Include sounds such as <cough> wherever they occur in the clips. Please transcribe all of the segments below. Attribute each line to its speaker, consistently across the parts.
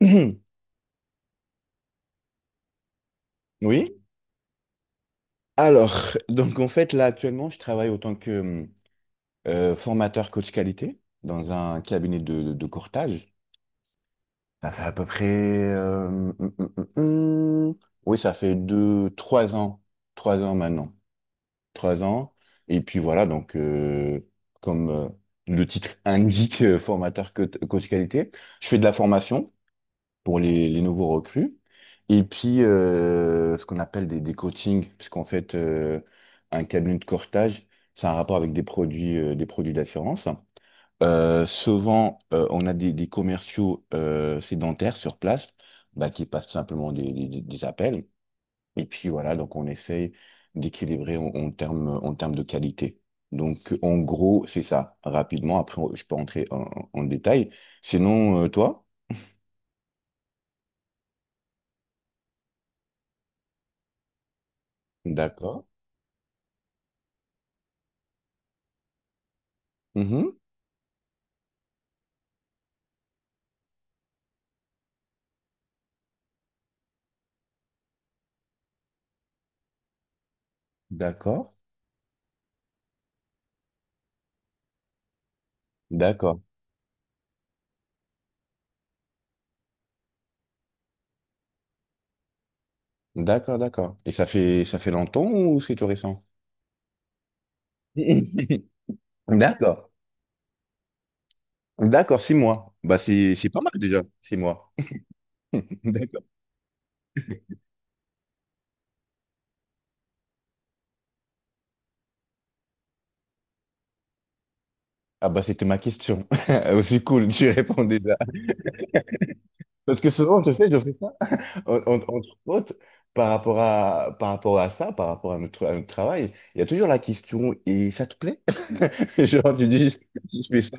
Speaker 1: Mhm. <clears throat> Oui. Alors, donc en fait, là actuellement, je travaille autant que formateur coach qualité dans un cabinet de courtage. Ça fait à peu près. Oui, ça fait 2, 3 ans. 3 ans maintenant. 3 ans. Et puis voilà, donc comme le titre <laughs> indique, formateur coach qualité, je fais de la formation pour les nouveaux recrues. Et puis, ce qu'on appelle des coachings, puisqu'en fait, un cabinet de courtage, c'est un rapport avec des produits d'assurance. Souvent, on a des commerciaux sédentaires sur place, bah, qui passent tout simplement des appels. Et puis voilà, donc on essaye d'équilibrer en en termes de qualité. Donc, en gros, c'est ça, rapidement. Après, je peux entrer en détail. Sinon, toi? D'accord. D'accord, d'accord, d'accord, d'accord. Et ça fait longtemps ou c'est tout récent? <laughs> D'accord, d'accord, 6 mois. Bah c'est pas mal déjà, 6 mois. <laughs> D'accord. Ah bah c'était ma question. <laughs> Aussi cool, tu réponds déjà. Parce que souvent, tu sais, je fais ça, entre autres, par rapport à ça, par rapport à à notre travail, il y a toujours la question, et ça te plaît? <laughs> Genre, tu dis, je fais ça.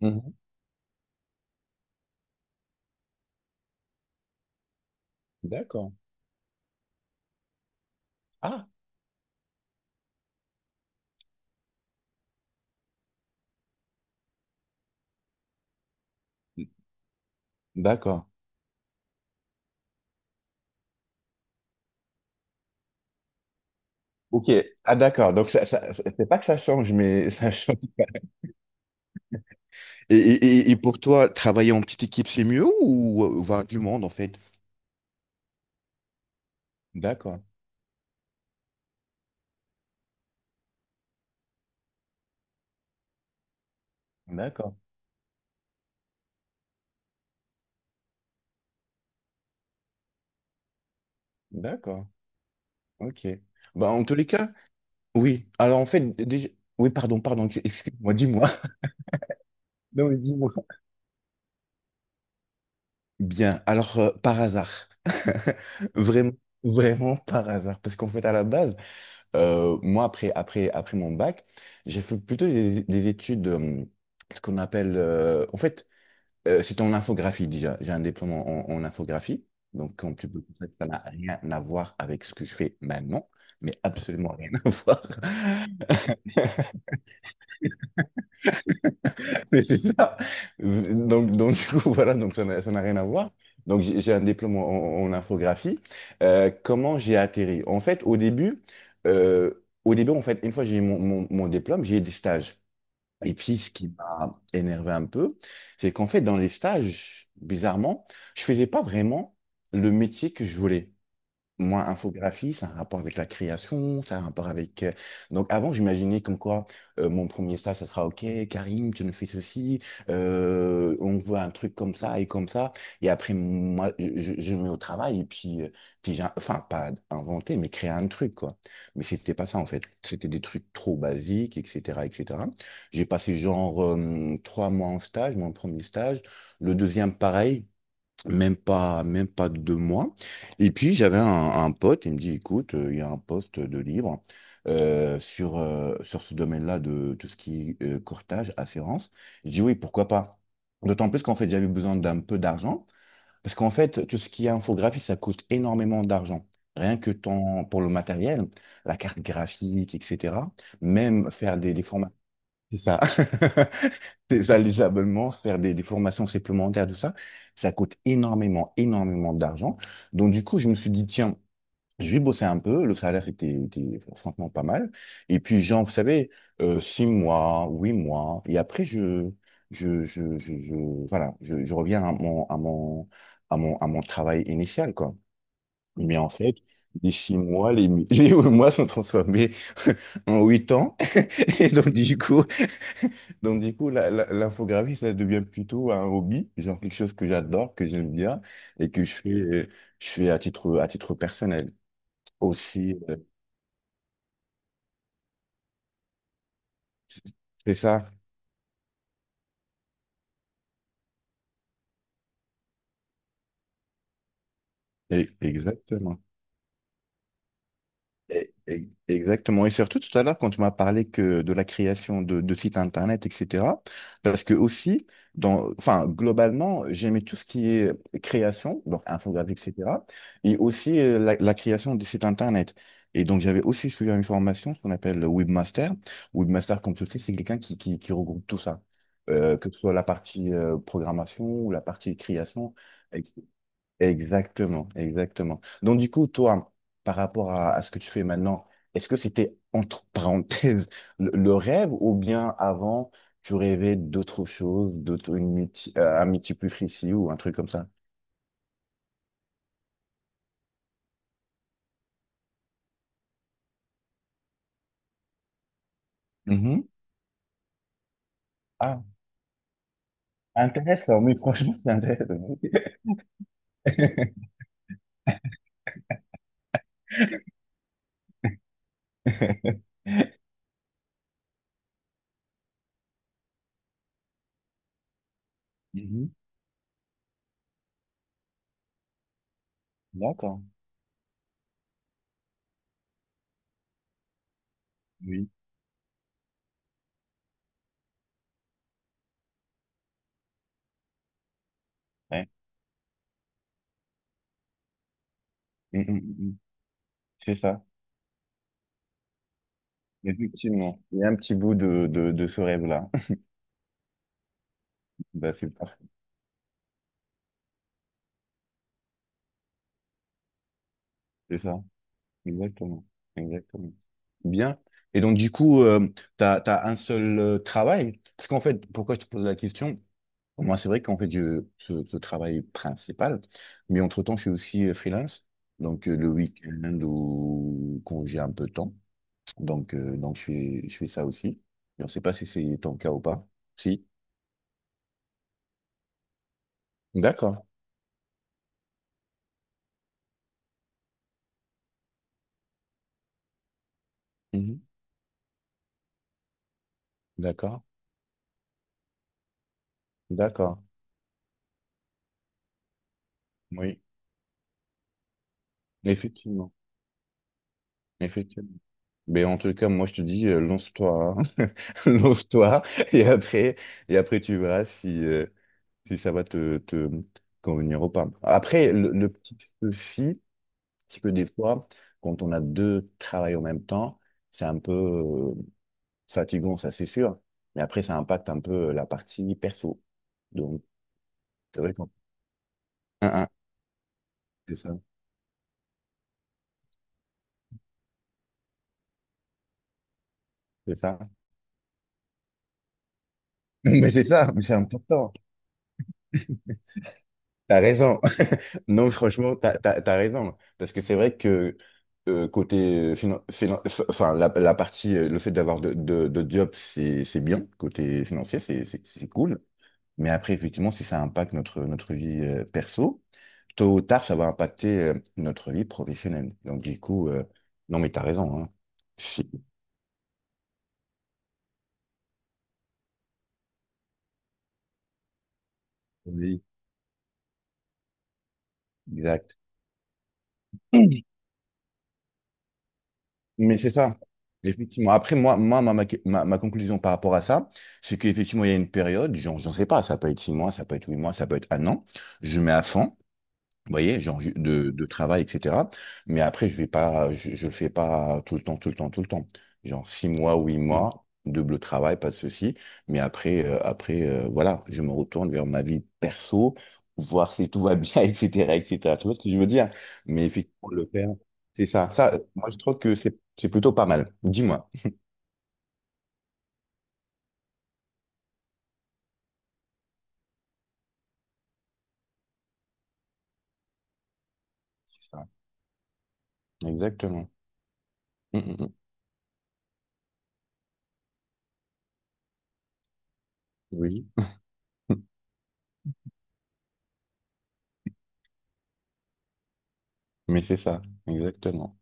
Speaker 1: Mhm. D'accord. Ah, d'accord. Ok, ah d'accord, donc c'est pas que ça change, mais <laughs> ça change. Et pour toi, travailler en petite équipe, c'est mieux ou voir du monde en fait? D'accord, d'accord, d'accord, ok. Bah, en tous les cas, oui. Alors en fait, déjà... oui, pardon, pardon, excuse-moi, dis-moi. <laughs> Non, mais dis-moi. Bien, alors par hasard, <laughs> vraiment, vraiment par hasard, parce qu'en fait, à la base, moi, après mon bac, j'ai fait plutôt des études, ce qu'on appelle, en fait, c'est en infographie déjà. J'ai un diplôme en infographie. Donc, en plus, ça n'a rien à voir avec ce que je fais maintenant, mais absolument rien à <laughs> voir. Mais c'est ça. Du coup, <laughs> voilà, donc ça n'a rien à voir. Donc, j'ai un diplôme en infographie. Comment j'ai atterri? En fait, au début, une fois que j'ai eu mon diplôme, j'ai eu des stages. Et puis, ce qui m'a énervé un peu, c'est qu'en fait, dans les stages, bizarrement, je faisais pas vraiment le métier que je voulais. Moi, infographie, ça a un rapport avec la création, ça a un rapport avec... Donc avant, j'imaginais comme quoi mon premier stage, ça sera OK, Karim, tu nous fais ceci, on voit un truc comme ça. Et après, moi, je me mets au travail et puis, puis j'ai... Enfin, pas inventer, mais créer un truc, quoi. Mais c'était pas ça, en fait. C'était des trucs trop basiques, etc., etc. J'ai passé genre 3 mois en stage, mon premier stage. Le deuxième, pareil. Même pas 2 mois. Et puis j'avais un pote, il me dit, écoute, il y a un poste de libre sur ce domaine-là de tout ce qui est courtage, assurance. Je dis oui, pourquoi pas? D'autant plus qu'en fait, j'avais besoin d'un peu d'argent, parce qu'en fait, tout ce qui est infographie, ça coûte énormément d'argent. Rien que ton, pour le matériel, la carte graphique, etc. Même faire des formats. C'est ça. <laughs> C'est ça, les abonnements, faire des formations supplémentaires, tout ça, ça coûte énormément, énormément d'argent. Donc, du coup, je me suis dit, tiens, je vais bosser un peu. Le salaire était franchement pas mal. Et puis, genre, vous savez, 6 mois, 8 mois. Et après, voilà, je reviens à mon, à mon, à mon, à mon travail initial, quoi. Mais en fait, les 6 mois, <laughs> les 8 mois sont transformés <laughs> en 8 ans. <laughs> Et donc, du coup, l'infographie, ça devient plutôt un hobby, genre quelque chose que j'adore, que j'aime bien et que je fais à titre personnel aussi. C'est ça. Exactement. Exactement. Et surtout tout à l'heure, quand tu m'as parlé que de la création de sites internet, etc., parce que aussi, dans, enfin, globalement, j'aimais tout ce qui est création, donc infographie, etc., et aussi la création des sites internet. Et donc, j'avais aussi suivi une formation, ce qu'on appelle le webmaster. Webmaster, comme tu le sais, c'est quelqu'un qui regroupe tout ça. Que ce soit la partie programmation ou la partie création. Exactement, exactement. Donc du coup, toi, par rapport à ce que tu fais maintenant, est-ce que c'était entre parenthèses <laughs> le rêve ou bien avant, tu rêvais d'autre chose, d'autre une un métier plus précis ou un truc comme ça? Mhm. Ah, intéressant, mais franchement, c'est intéressant. <laughs> Mhm. D'accord, oui, ouais. Mm, mm, mm, mm. C'est ça, effectivement. Il y a un petit bout de ce rêve-là. <laughs> Bah, c'est parfait, c'est ça. Exactement, exactement. Bien. Et donc, du coup, tu as un seul travail. Parce qu'en fait, pourquoi je te pose la question? Moi, c'est vrai qu'en fait, ce travail principal, mais entre-temps, je suis aussi freelance. Donc, le week-end ou quand j'ai un peu de temps. Donc je fais ça aussi. Et on ne sait pas si c'est ton cas ou pas. Si. D'accord. Mhm. D'accord. D'accord. Oui. effectivement Effectivement. Mais en tout cas, moi, je te dis, lance-toi, hein. <laughs> Lance-toi, et après, et après, tu verras si ça va te convenir ou pas. Après, le petit souci, c'est que des fois, quand on a deux travails en même temps, c'est un peu fatigant, ça c'est sûr, mais après, ça impacte un peu la partie perso. Donc, c'est vrai qu'on... Hein, hein, c'est ça, c'est ça. <laughs> Mais c'est ça, mais c'est important. T'as raison. <laughs> Non, franchement, t'as raison. Parce que c'est vrai que côté enfin la partie, le fait d'avoir de job, c'est bien. Côté financier, c'est cool. Mais après, effectivement, si ça impacte notre vie perso, tôt ou tard, ça va impacter notre vie professionnelle. Donc, du coup, non, mais t'as raison. Hein. Si- Oui, exact. Mais c'est ça. Effectivement. Après, moi ma conclusion par rapport à ça, c'est qu'effectivement, il y a une période, j'en sais pas, ça peut être 6 mois, ça peut être 8 mois, ça peut être un an, je mets à fond. Vous voyez, genre de travail, etc. Mais après, je vais pas, je le fais pas tout le temps, tout le temps, tout le temps. Genre 6 mois, huit mois, double travail, pas de souci. Mais après, voilà, je me retourne vers ma vie perso, voir si tout va bien, <laughs> etc., etc. Tu vois ce que je veux dire? Mais effectivement, le faire, c'est ça. Ça, moi, je trouve que c'est plutôt pas mal. Dis-moi. C'est ça. Exactement. Mm, mm, mm. Oui. <laughs> Mais c'est ça, exactement.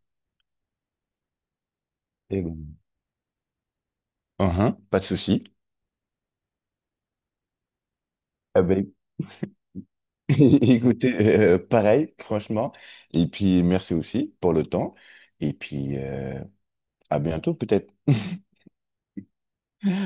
Speaker 1: Et bon. Uhum, pas de souci. Eh ben, <laughs> écoutez, pareil, franchement. Et puis, merci aussi pour le temps. Et puis, à bientôt, peut-être. <laughs>